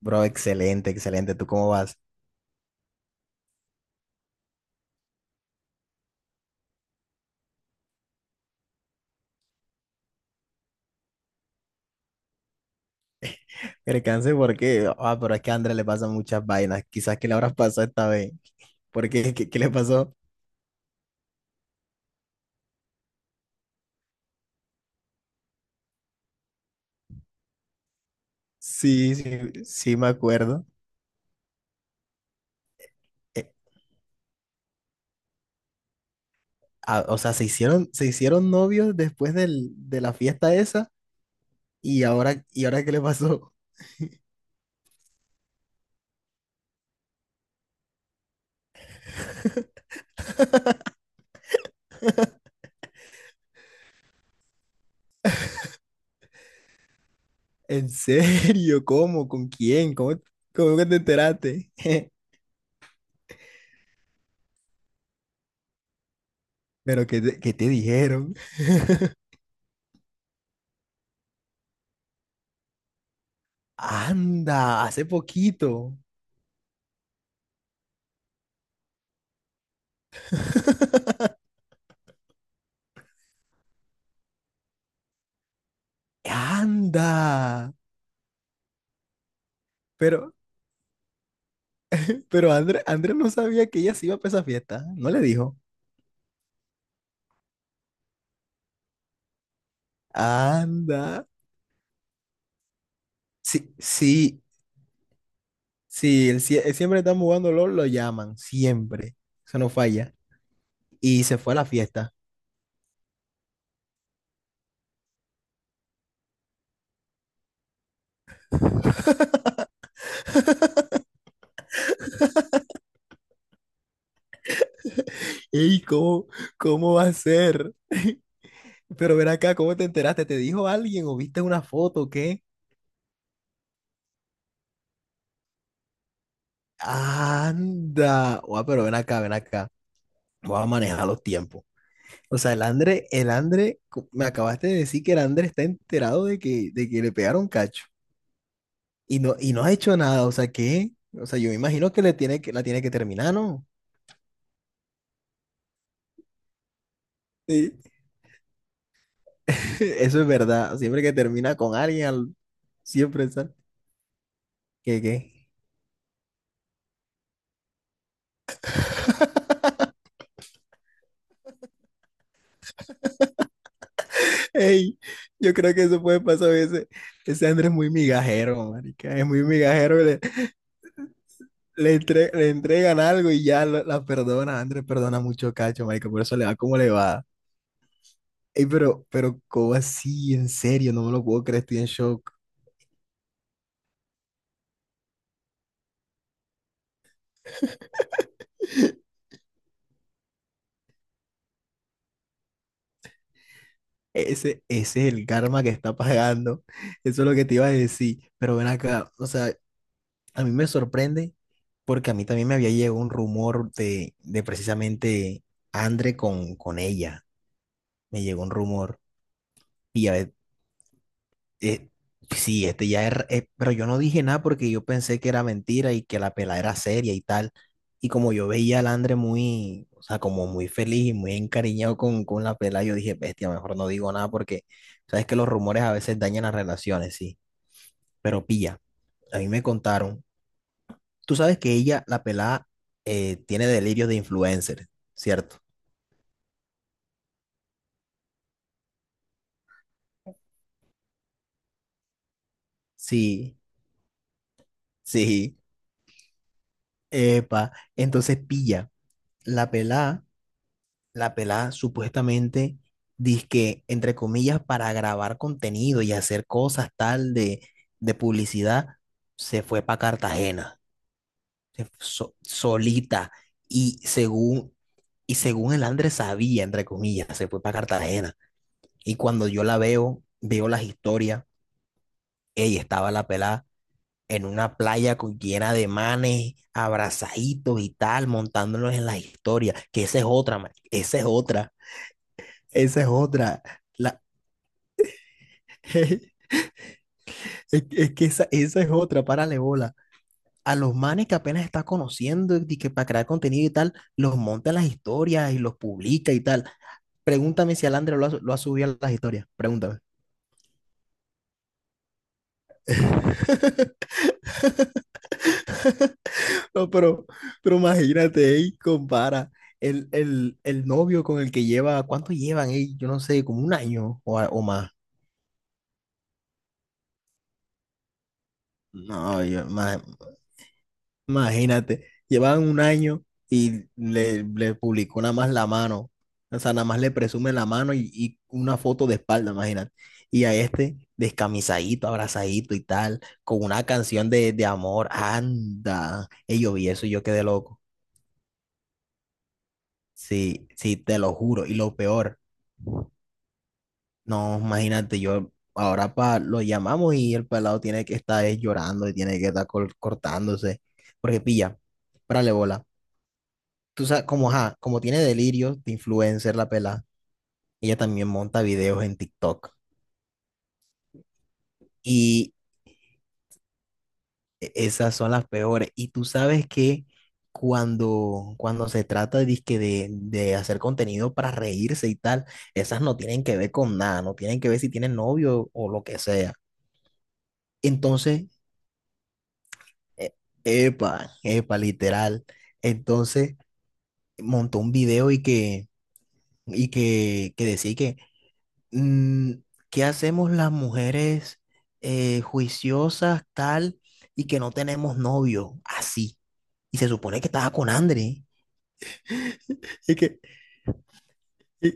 Bro, excelente, excelente. ¿Tú cómo vas? El cáncer, ¿por qué? Ah, pero es que a Andrés le pasan muchas vainas. Quizás que le habrás pasado esta vez. ¿Por qué? ¿Qué le pasó? Sí, sí, sí me acuerdo. Eh, ah, o sea, se hicieron novios después de la fiesta esa. ¿Y ahora qué le pasó? ¿En serio? ¿Cómo? ¿Con quién? ¿Cómo que te enteraste? ¿Pero qué te dijeron? Anda, hace poquito. Anda. Pero, Pero Andrés André no sabía que ella se iba para esa fiesta. No le dijo. Anda. Sí, sí, sí. Él él siempre están jugando LOL, lo llaman. Siempre. Eso no falla. Y se fue a la fiesta. ¿Y cómo va a ser? Pero ven acá, ¿cómo te enteraste? ¿Te dijo alguien o viste una foto o qué? Anda. Guau, pero ven acá, ven acá. Voy a manejar los tiempos. O sea, me acabaste de decir que el André está enterado de que le pegaron cacho. Y no ha hecho nada, o sea, ¿qué? O sea, yo me imagino que la tiene que terminar, ¿no? Sí, eso es verdad. Siempre que termina con alguien, siempre sale. ¿Qué? Ey, yo creo que eso puede pasar a veces. Ese Andrés es muy migajero, marica. Es muy migajero. Le entregan algo y ya la perdona. Andrés perdona mucho cacho, marica. Por eso le va como le va. Ey, ¿cómo así? En serio, no me lo puedo creer. Estoy en shock. Ese es el karma que está pagando. Eso es lo que te iba a decir. Pero ven acá, o sea, a mí me sorprende porque a mí también me había llegado un rumor de precisamente Andre con ella. Me llegó un rumor. Y a ver, Eh, sí, este ya es, pero yo no dije nada porque yo pensé que era mentira y que la pela era seria y tal. Y como yo veía al Andre muy, o sea, como muy feliz y muy encariñado con la pela, yo dije, bestia, mejor no digo nada porque sabes que los rumores a veces dañan las relaciones, sí. Pero pilla, a mí me contaron, tú sabes que ella, la pelada, tiene delirios de influencer, ¿cierto? Sí, sí, epa. Entonces pilla, la pelada la pelada supuestamente dizque, entre comillas, para grabar contenido y hacer cosas tal de publicidad, se fue para Cartagena, solita, y según, y según el Andrés sabía, entre comillas, se fue para Cartagena. Y cuando veo las historias, ella estaba la pelada en una playa llena de manes, abrazaditos y tal, montándolos en las historias, que esa es otra, man, esa es otra. Esa es otra. La, es, es que esa es otra, párale bola. A los manes que apenas está conociendo y que para crear contenido y tal, los monta en las historias y los publica y tal. Pregúntame si Alandra lo ha subido a las historias. Pregúntame. No, pero imagínate, ey, compara el novio con el que lleva, ¿cuánto llevan? Ey, yo no sé, como un año o más. No, más. Imagínate, llevaban un año y le publicó nada más la mano. O sea, nada más le presume la mano y una foto de espalda, imagínate. Y a este descamisadito, abrazadito y tal, con una canción de amor. Anda. Y yo vi eso y yo quedé loco. Sí, sí, te lo juro. Y lo peor, no, imagínate, yo ahora pa, lo llamamos y el pelado tiene que estar llorando y tiene que estar cortándose. Porque pilla, párale bola, tú sabes, como, ajá, como tiene delirios de influencer la pelada, ella también monta videos en TikTok. Y esas son las peores. Y tú sabes que cuando se trata dizque, de hacer contenido para reírse y tal, esas no tienen que ver con nada, no tienen que ver si tienen novio o lo que sea. Entonces, e- epa, epa, literal. Entonces, montó un video que decía que mm, ¿qué hacemos las mujeres juiciosas, tal, y que no tenemos novio? Así. Y se supone que estaba con Andre. Y que, y-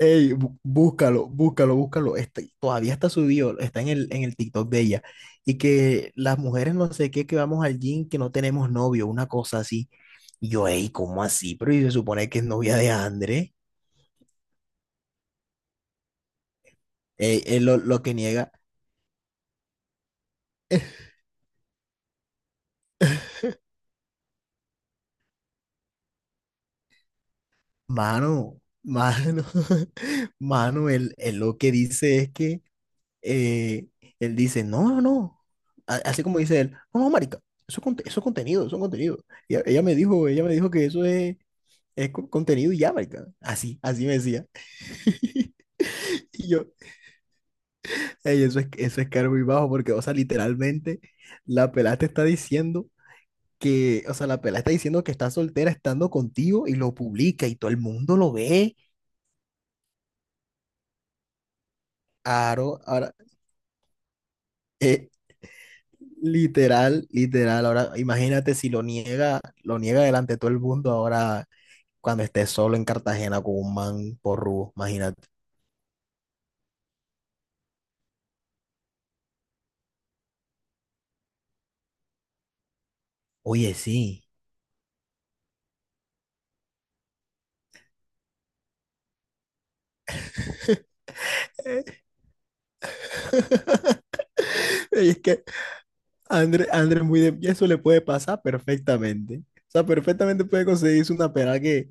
Ey, búscalo, búscalo, búscalo. Todavía está subido, está en el TikTok de ella. Y que las mujeres no sé qué, que vamos al gym, que no tenemos novio, una cosa así. Y yo, ey, ¿cómo así? Pero y se supone que es novia de Andre. Ey, él lo que niega. Mano, mano, mano, él lo que dice es que eh, él dice, no, no, no, así como dice él, no, no, marica, eso es contenido, eso es contenido. Y ella me dijo que eso contenido y ya, marica, así, así me decía. Y yo, "Ey, eso es caro muy bajo porque, o sea, literalmente la pelada te está diciendo que, o sea, la pelada está diciendo que está soltera estando contigo y lo publica y todo el mundo lo ve". Claro. Eh, Literal, literal. Ahora, imagínate si lo niega delante de todo el mundo ahora cuando esté solo en Cartagena con un man porrudo, imagínate. Oye, sí. Eh, Y es que André es muy de, y eso le puede pasar perfectamente. O sea, perfectamente puede conseguirse una pelea que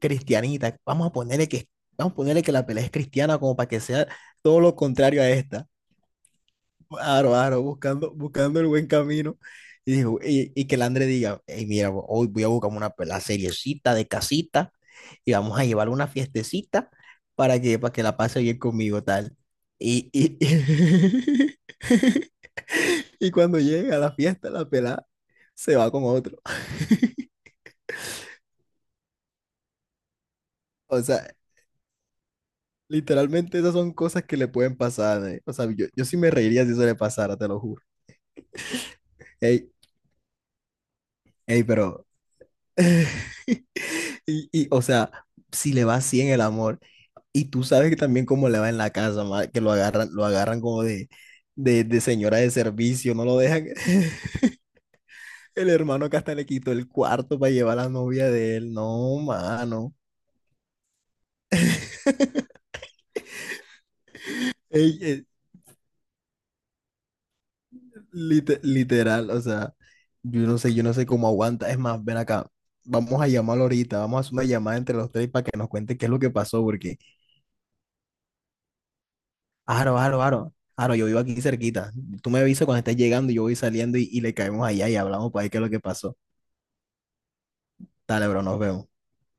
cristianita. Vamos a ponerle que la pelea es cristiana como para que sea todo lo contrario a esta. Aro, aro, buscando, buscando el buen camino. Y que el André diga, "Ey, mira, hoy voy a buscar la seriecita de casita y vamos a llevar una fiestecita para que la pase bien conmigo, tal". Y, y, y cuando llega a la fiesta, la pelada se va con otro. O sea, literalmente esas son cosas que le pueden pasar. O sea, yo sí me reiría si eso le pasara, te lo juro. Ey, ey, pero o sea, si le va así en el amor, y tú sabes que también cómo le va en la casa, ma, que lo agarran, como de señora de servicio, no lo dejan. El hermano que hasta le quitó el cuarto para llevar a la novia de él. No, mano. Ey, literal, o sea, yo no sé cómo aguanta. Es más, ven acá, vamos a llamarlo ahorita, vamos a hacer una llamada entre los tres para que nos cuente qué es lo que pasó, porque. Aro, aro, aro. Aro, yo vivo aquí cerquita. Tú me avisas cuando estés llegando y yo voy saliendo y le caemos allá y hablamos para ver qué es lo que pasó. Dale, bro, nos vemos.